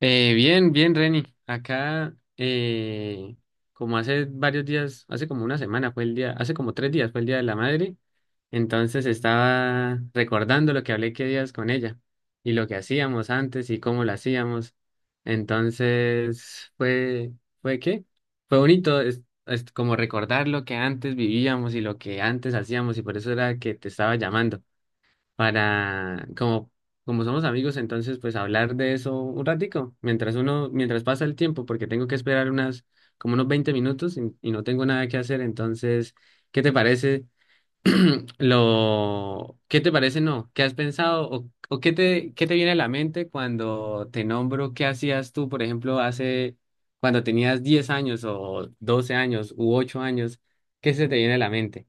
Bien, bien, Reni. Acá, como hace varios días, hace como una semana hace como tres días fue el Día de la Madre, entonces estaba recordando lo que hablé que días con ella y lo que hacíamos antes y cómo lo hacíamos. Entonces, ¿fue qué? Fue bonito, es como recordar lo que antes vivíamos y lo que antes hacíamos y por eso era que te estaba llamando para, como somos amigos, entonces pues hablar de eso un ratico, mientras pasa el tiempo, porque tengo que esperar como unos 20 minutos y no tengo nada que hacer, entonces, ¿qué te parece qué te parece no? ¿Qué has pensado o qué te viene a la mente cuando te nombro qué hacías tú, por ejemplo, cuando tenías 10 años o 12 años u 8 años, ¿qué se te viene a la mente?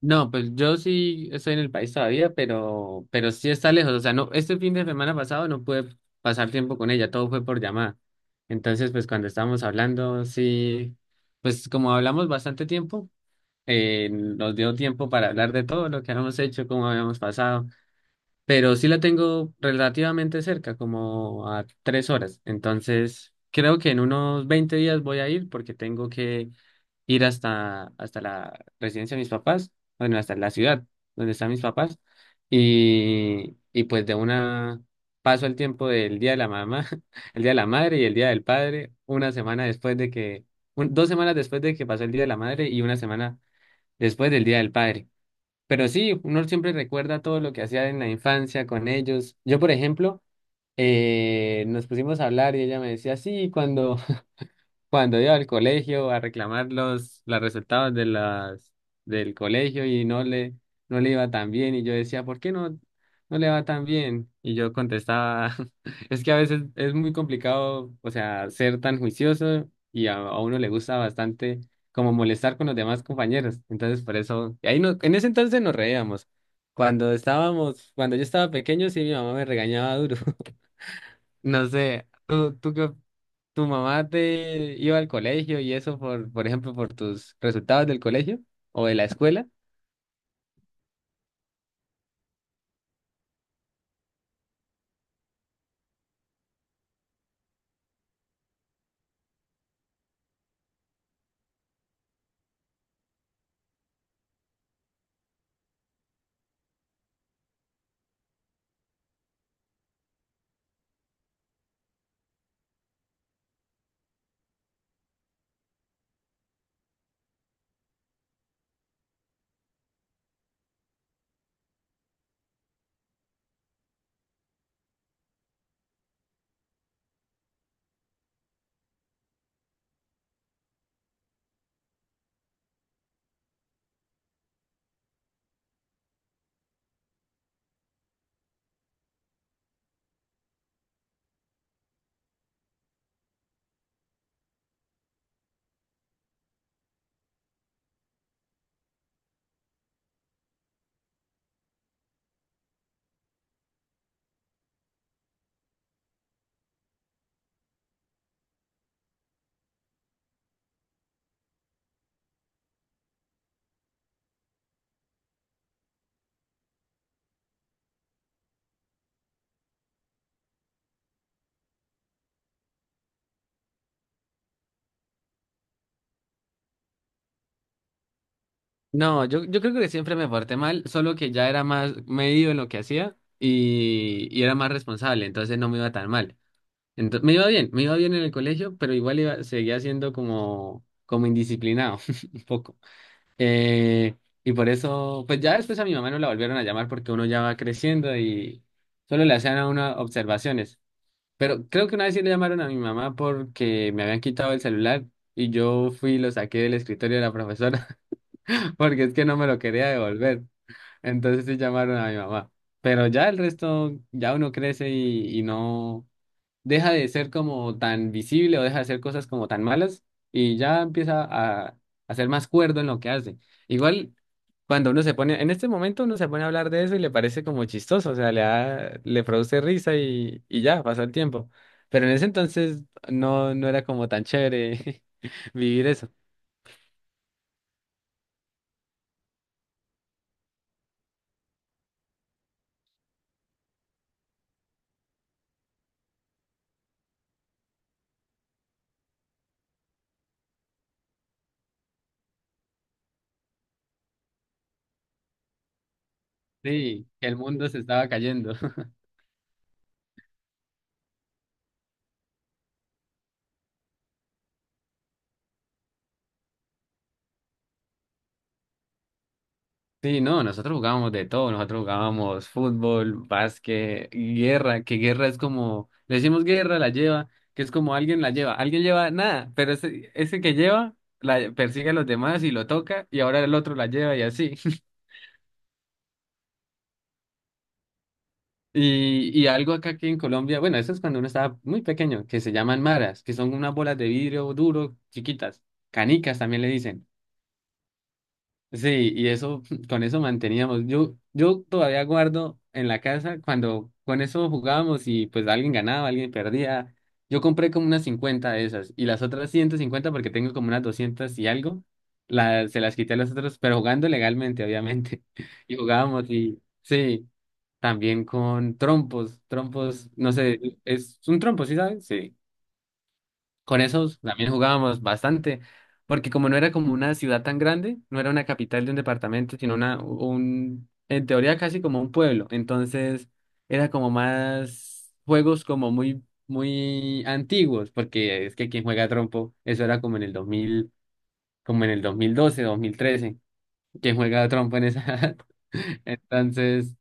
No, pues yo sí estoy en el país todavía, pero sí está lejos. O sea, no, este fin de semana pasado no pude pasar tiempo con ella, todo fue por llamada. Entonces, pues cuando estábamos hablando, sí, pues como hablamos bastante tiempo, nos dio tiempo para hablar de todo lo que habíamos hecho, cómo habíamos pasado. Pero sí la tengo relativamente cerca, como a 3 horas. Entonces, creo que en unos 20 días voy a ir porque tengo que ir hasta la residencia de mis papás, bueno, hasta la ciudad donde están mis papás, y pues de una paso el tiempo del día de la mamá, el día de la madre y el día del padre, una semana después de que, un- 2 semanas después de que pasó el día de la madre y una semana después del día del padre. Pero sí, uno siempre recuerda todo lo que hacía en la infancia con ellos. Yo, por ejemplo, nos pusimos a hablar y ella me decía, sí, cuando iba al colegio a reclamar los resultados del colegio y no le iba tan bien, y yo decía, ¿por qué no le va tan bien? Y yo contestaba, es que a veces es muy complicado, o sea, ser tan juicioso y a uno le gusta bastante como molestar con los demás compañeros. Entonces, por eso, y ahí no, en ese entonces nos reíamos. Cuando yo estaba pequeño, sí, mi mamá me regañaba duro. No sé, tú que tu mamá te iba al colegio y eso por ejemplo, por tus resultados del colegio o de la escuela. No, yo, creo que siempre me porté mal, solo que ya era más medido en lo que hacía y era más responsable, entonces no me iba tan mal. Entonces, me iba bien en el colegio, pero igual iba, seguía siendo como indisciplinado, un poco. Eh, y por eso, pues ya después a mi mamá no la volvieron a llamar porque uno ya va creciendo y solo le hacían a uno observaciones. Pero creo que una vez sí le llamaron a mi mamá porque me habían quitado el celular y yo fui y lo saqué del escritorio de la profesora porque es que no me lo quería devolver. Entonces sí llamaron a mi mamá. Pero ya el resto, ya uno crece y no deja de ser como tan visible o deja de hacer cosas como tan malas y ya empieza a ser más cuerdo en lo que hace. Igual, cuando uno se pone, en este momento uno se pone a hablar de eso y le parece como chistoso, o sea, le produce risa y ya, pasa el tiempo. Pero en ese entonces no era como tan chévere vivir eso. Sí, el mundo se estaba cayendo. Sí, no, nosotros jugábamos de todo, nosotros jugábamos fútbol, básquet, guerra, que guerra es como, le decimos guerra, la lleva, que es como alguien la lleva, alguien lleva nada, pero ese que lleva la persigue a los demás y lo toca y ahora el otro la lleva y así. Y, y algo acá que en Colombia, bueno, eso es cuando uno estaba muy pequeño, que se llaman maras, que son unas bolas de vidrio duro, chiquitas, canicas también le dicen. Sí, y eso, con eso manteníamos. yo todavía guardo en la casa cuando con eso jugábamos y pues alguien ganaba, alguien perdía. Yo compré como unas 50 de esas y las otras 150 porque tengo como unas 200 y algo, la- se las quité a los otros, pero jugando legalmente, obviamente. Y jugábamos y sí, también con trompos, trompos, no sé, es un trompo, ¿sí sabes? Sí. Con esos también jugábamos bastante, porque como no era como una ciudad tan grande, no era una capital de un departamento, sino en teoría casi como un pueblo. Entonces era como más juegos como muy, muy antiguos, porque es que quien juega trompo, eso era como en el 2000, como en el 2012, 2013, quien juega trompo en esa edad. Entonces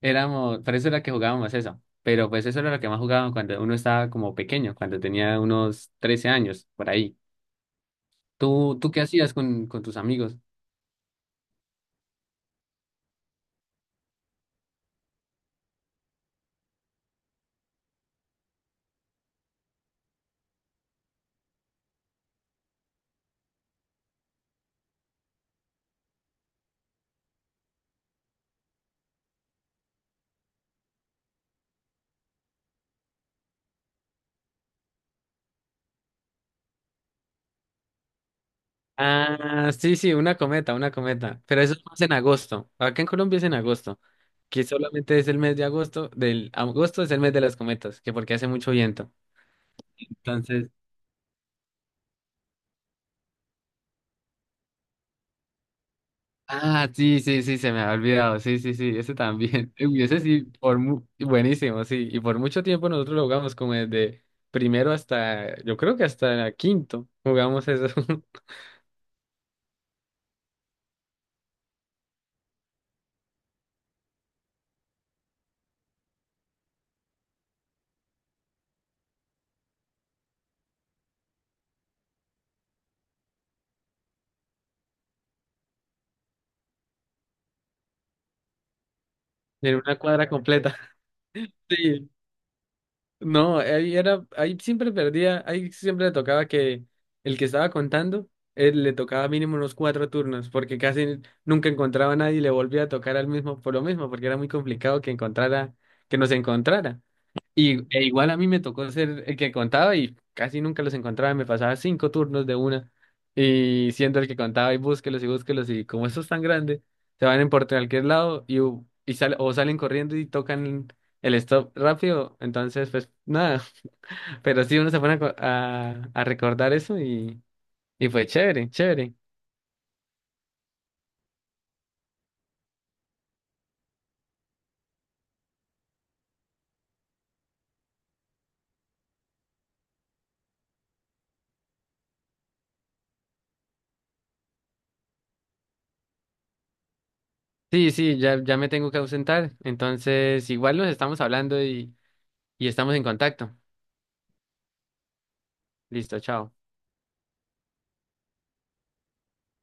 por eso era que jugábamos eso. Pero pues eso era lo que más jugaban cuando uno estaba como pequeño, cuando tenía unos 13 años, por ahí. ¿Tú, tú qué hacías con tus amigos? Ah, sí, sí, una cometa, una cometa. Pero eso es más en agosto. Acá en Colombia es en agosto, que solamente es el mes de agosto, del agosto es el mes de las cometas, que porque hace mucho viento. Entonces, Ah, sí, sí, sí, se me había olvidado. Sí, sí, sí, ese también. Uy, ese sí, por mu- buenísimo, sí. Y por mucho tiempo nosotros lo jugamos como desde primero hasta, yo creo que hasta quinto, jugamos eso en una cuadra completa. Sí. No, ahí siempre perdía, ahí siempre le tocaba que el que estaba contando, él le tocaba mínimo unos cuatro turnos, porque casi nunca encontraba a nadie y le volvía a tocar al mismo por lo mismo, porque era muy complicado que nos encontrara. E igual a mí me tocó ser el que contaba y casi nunca los encontraba, me pasaba cinco turnos de una y siendo el que contaba y búsquelos y búsquelos y como eso es tan grande, se van en por cualquier lado o salen corriendo y tocan el stop rápido, entonces pues nada, pero sí uno se pone a, a recordar eso y fue chévere, chévere. Sí, sí, ya, ya me tengo que ausentar, entonces igual nos estamos hablando y estamos en contacto. Listo, chao.